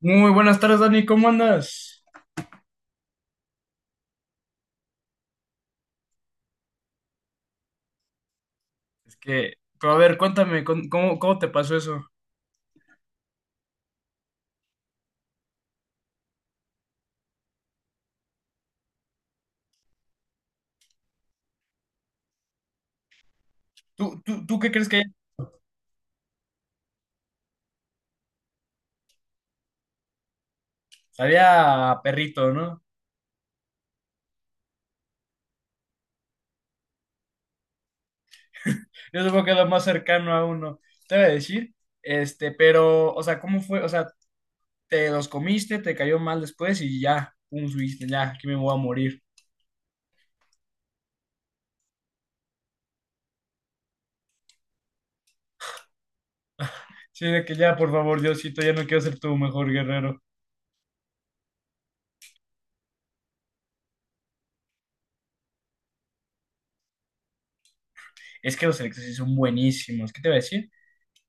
Muy buenas tardes, Dani, ¿cómo andas? Es que, pero a ver, cuéntame, ¿cómo te pasó eso? ¿Tú qué crees que había perrito, ¿no? Yo supongo que es lo más cercano a uno, te voy a decir, este, pero, o sea, ¿cómo fue? O sea, ¿te los comiste, te cayó mal después y ya, un subiste, ya, aquí me voy a morir? Sí, de que ya, por favor, Diosito, ya no quiero ser tu mejor guerrero. Es que los electros sí son buenísimos, ¿qué te voy a decir?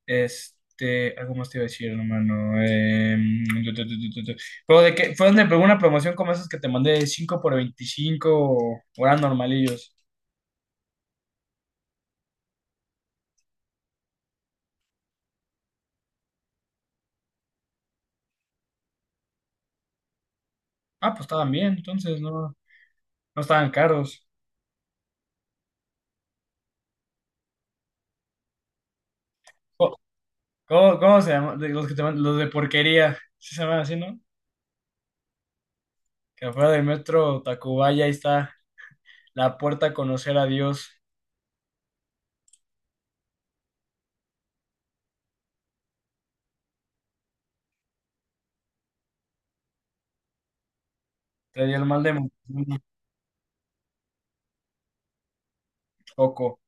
Este, algo más te iba a decir, hermano. Em, tu, tu, tu, tu, tu, tu. Pero de que fue donde pegó una promoción como esas que te mandé de 5 por 25 o eran normalillos. Ah, pues estaban bien, entonces no, no estaban caros. Co- ¿cómo se llama? De los que te los de porquería. Sí se llaman así, ¿no? Que afuera del metro Tacubaya ahí está la puerta a conocer a Dios. Traía el mal de Montezuma, Coco.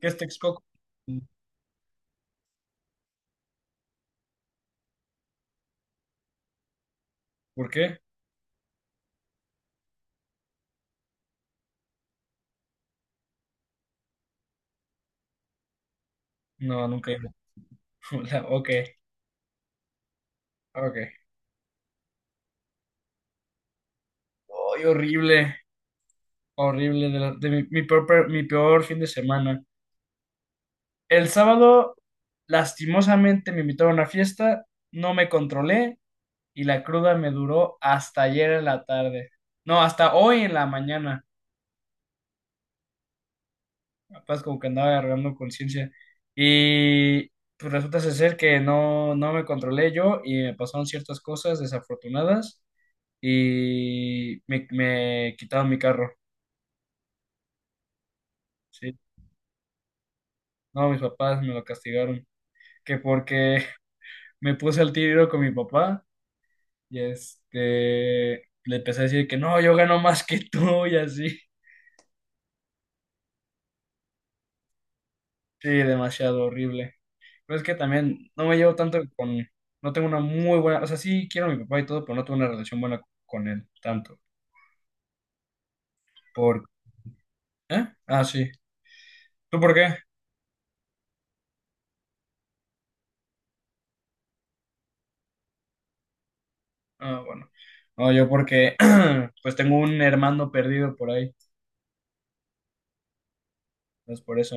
¿Qué es Texcoco? ¿Por qué? No, nunca he ido. Ok, ok. Ay, horrible. Horrible de mi peor fin de semana. El sábado, lastimosamente, me invitaron a una fiesta, no me controlé y la cruda me duró hasta ayer en la tarde. No, hasta hoy en la mañana. Capaz como que andaba agarrando conciencia. Y pues resulta ser que no, no me controlé yo y me pasaron ciertas cosas desafortunadas y me quitaron mi carro. Sí. No, mis papás me lo castigaron. Que porque me puse al tiro con mi papá y este, le empecé a decir que no, yo gano más que tú y así. Sí, demasiado horrible. Pero es que también no me llevo tanto con, no tengo una muy buena, o sea, sí quiero a mi papá y todo, pero no tengo una relación buena con él tanto. ¿Por ¿Eh? Ah, sí. ¿Tú por qué? Ah, bueno. No, yo porque pues tengo un hermano perdido por ahí. Entonces por eso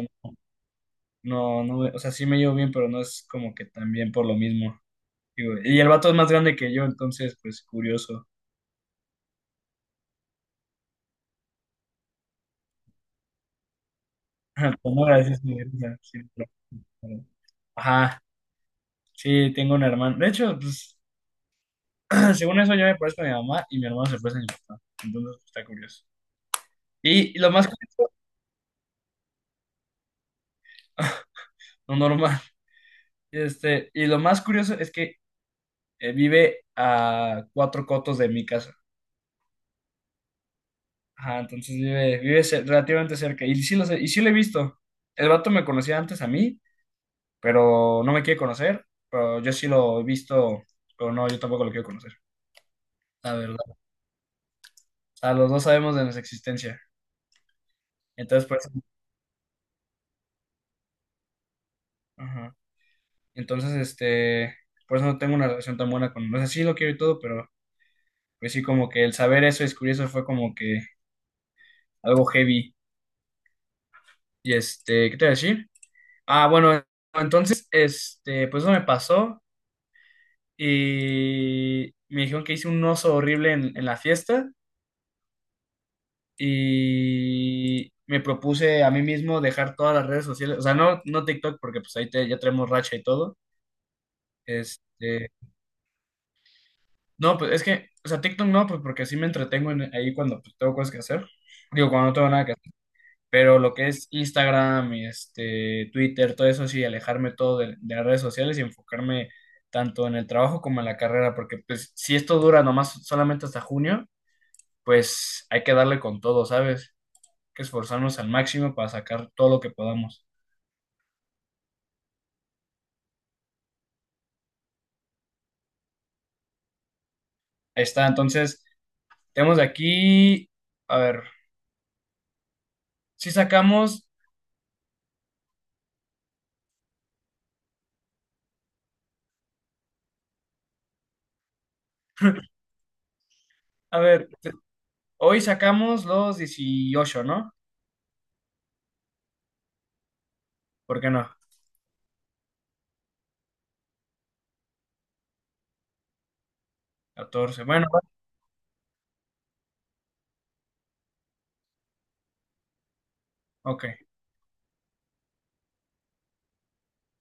no, no, o sea, sí me llevo bien, pero no es como que también por lo mismo. Digo, y el vato es más grande que yo, entonces, pues curioso. Ajá, pues, no, gracias, sí, o sea, sí, pero- ajá, sí, tengo un hermano. De hecho, pues, según eso, yo me parezco a mi mamá y mi hermano se parece a mi papá. Entonces, pues, está curioso. Y lo más curioso, no normal. Este, y lo más curioso es que vive a cuatro cotos de mi casa. Ajá, entonces relativamente cerca. Y sí, lo sé- y sí lo he visto. El vato me conocía antes a mí, pero no me quiere conocer. Pero yo sí lo he visto, pero no, yo tampoco lo quiero conocer. La verdad. O sea, los dos sabemos de nuestra existencia. Entonces, por eso, ajá. Entonces, este, por eso no tengo una relación tan buena con, no sé sí lo quiero y todo, pero pues sí, como que el saber eso, descubrir eso fue como que algo heavy. Y este, ¿qué te voy a decir? Ah, bueno, entonces, este, pues eso me pasó y me dijeron que hice un oso horrible en la fiesta y me propuse a mí mismo dejar todas las redes sociales, o sea, no, no TikTok porque pues ahí ya traemos racha y todo. Este, no, pues es que, o sea, TikTok no, pues porque así me entretengo ahí cuando pues, tengo cosas que hacer. Digo, cuando no tengo nada que hacer. Pero lo que es Instagram, y este, Twitter, todo eso sí, alejarme todo de las redes sociales y enfocarme tanto en el trabajo como en la carrera, porque pues si esto dura nomás solamente hasta junio, pues hay que darle con todo, ¿sabes? Hay que esforzarnos al máximo para sacar todo lo que podamos. Ahí está, entonces, tenemos de aquí, a ver, si sacamos, a ver, hoy sacamos los dieciocho, ¿no? ¿Por qué no? Catorce. Bueno, ok.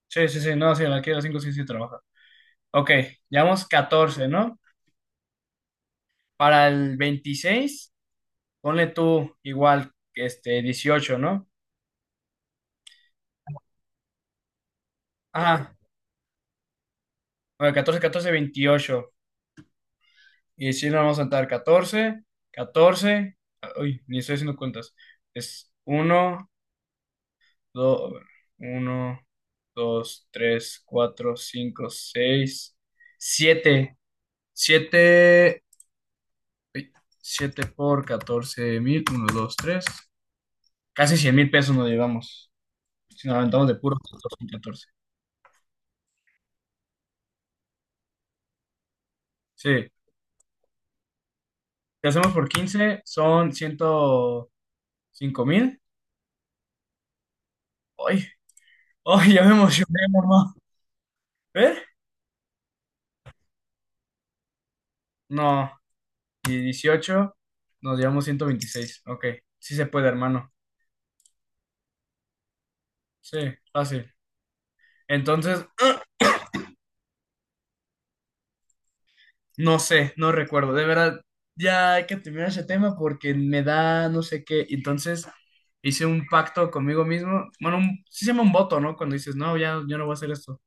Sí, sí, sí, no, sí, aquí a las 5 sí, sí trabaja. Ok, llevamos catorce, ¿no? Para el 26 ponle tú igual, este, dieciocho, ¿no? Ajá, bueno, catorce, catorce, veintiocho. Y si nos vamos a saltar catorce, catorce, ah, uy, ni estoy haciendo cuentas. Es uno, dos uno dos, tres, cuatro, cinco, seis, siete, siete ey, 7 por 14 mil, uno, dos, tres. Casi 100 mil pesos nos llevamos. Si nos aventamos de puro catorce y 14. Sí. Si hacemos por 15 son ciento cinco mil. ¡Ay! ¡Ay! Ya me emocioné, mamá. ¿Eh? No. Y 18 nos llevamos ciento veintiséis. Ok. Sí se puede, hermano. Sí, fácil. Entonces, no sé, no recuerdo. De verdad, ya hay que terminar ese tema porque me da no sé qué. Entonces hice un pacto conmigo mismo. Bueno, sí se llama un voto, ¿no? Cuando dices, no, ya yo no voy a hacer esto.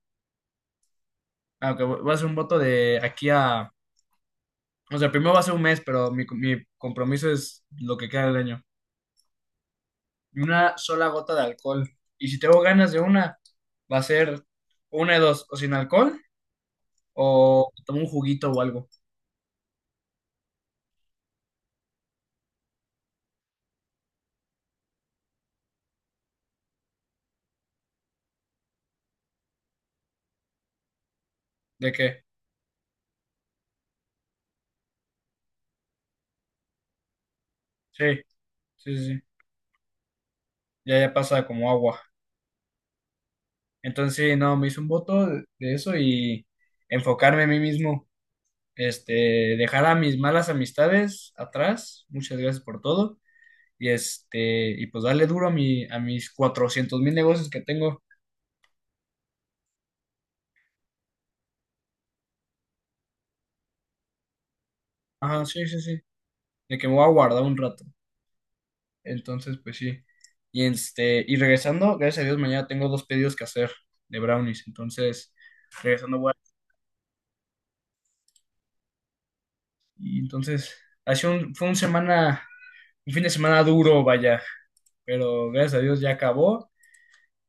Ah, ok, voy a hacer un voto de aquí a. O sea, primero va a ser un mes, pero mi compromiso es lo que queda del año. Una sola gota de alcohol. Y si tengo ganas de una, va a ser una de dos, o sin alcohol, o tomo un juguito o algo. ¿De qué? Sí, sí, sí, sí. Ya, ya pasa como agua. Entonces, no, me hice un voto de eso y enfocarme a mí mismo, este, dejar a mis malas amistades atrás, muchas gracias por todo, y este, y pues darle duro a a mis 400 mil negocios que tengo. Ajá, sí, sí, sí, de que me voy a guardar un rato. Entonces, pues sí. Y este, y regresando, gracias a Dios, mañana tengo dos pedidos que hacer de brownies, entonces, regresando, y entonces, ha sido un, fue un semana, un fin de semana duro, vaya, pero gracias a Dios ya acabó.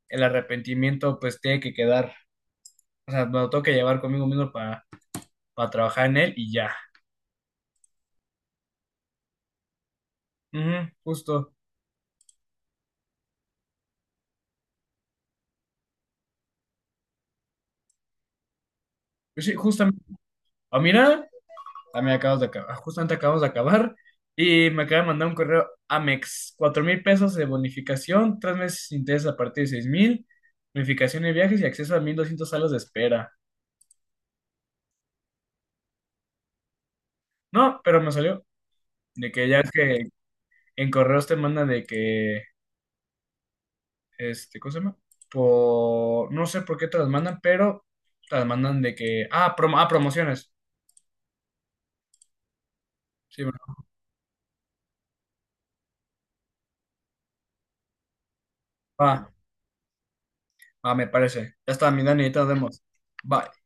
El arrepentimiento pues tiene que quedar, o sea, me lo tengo que llevar conmigo mismo para trabajar en él y ya. Ujú, justo. Pues sí, justamente. Ah, mira, también acabas de acabar, justamente acabamos de acabar y me acaba de mandar un correo Amex, cuatro mil pesos de bonificación, tres meses sin intereses a partir de seis mil, bonificación de viajes y acceso a 1200 salas de espera. No, pero me salió de que ya es que en correos te mandan de que este, ¿cómo se llama? Por, no sé por qué te las mandan, pero te las mandan de que, ah, ah, promociones. Sí, bro. Va, va, me parece. Ya está, mi Dani, ahí te nos vemos. Bye.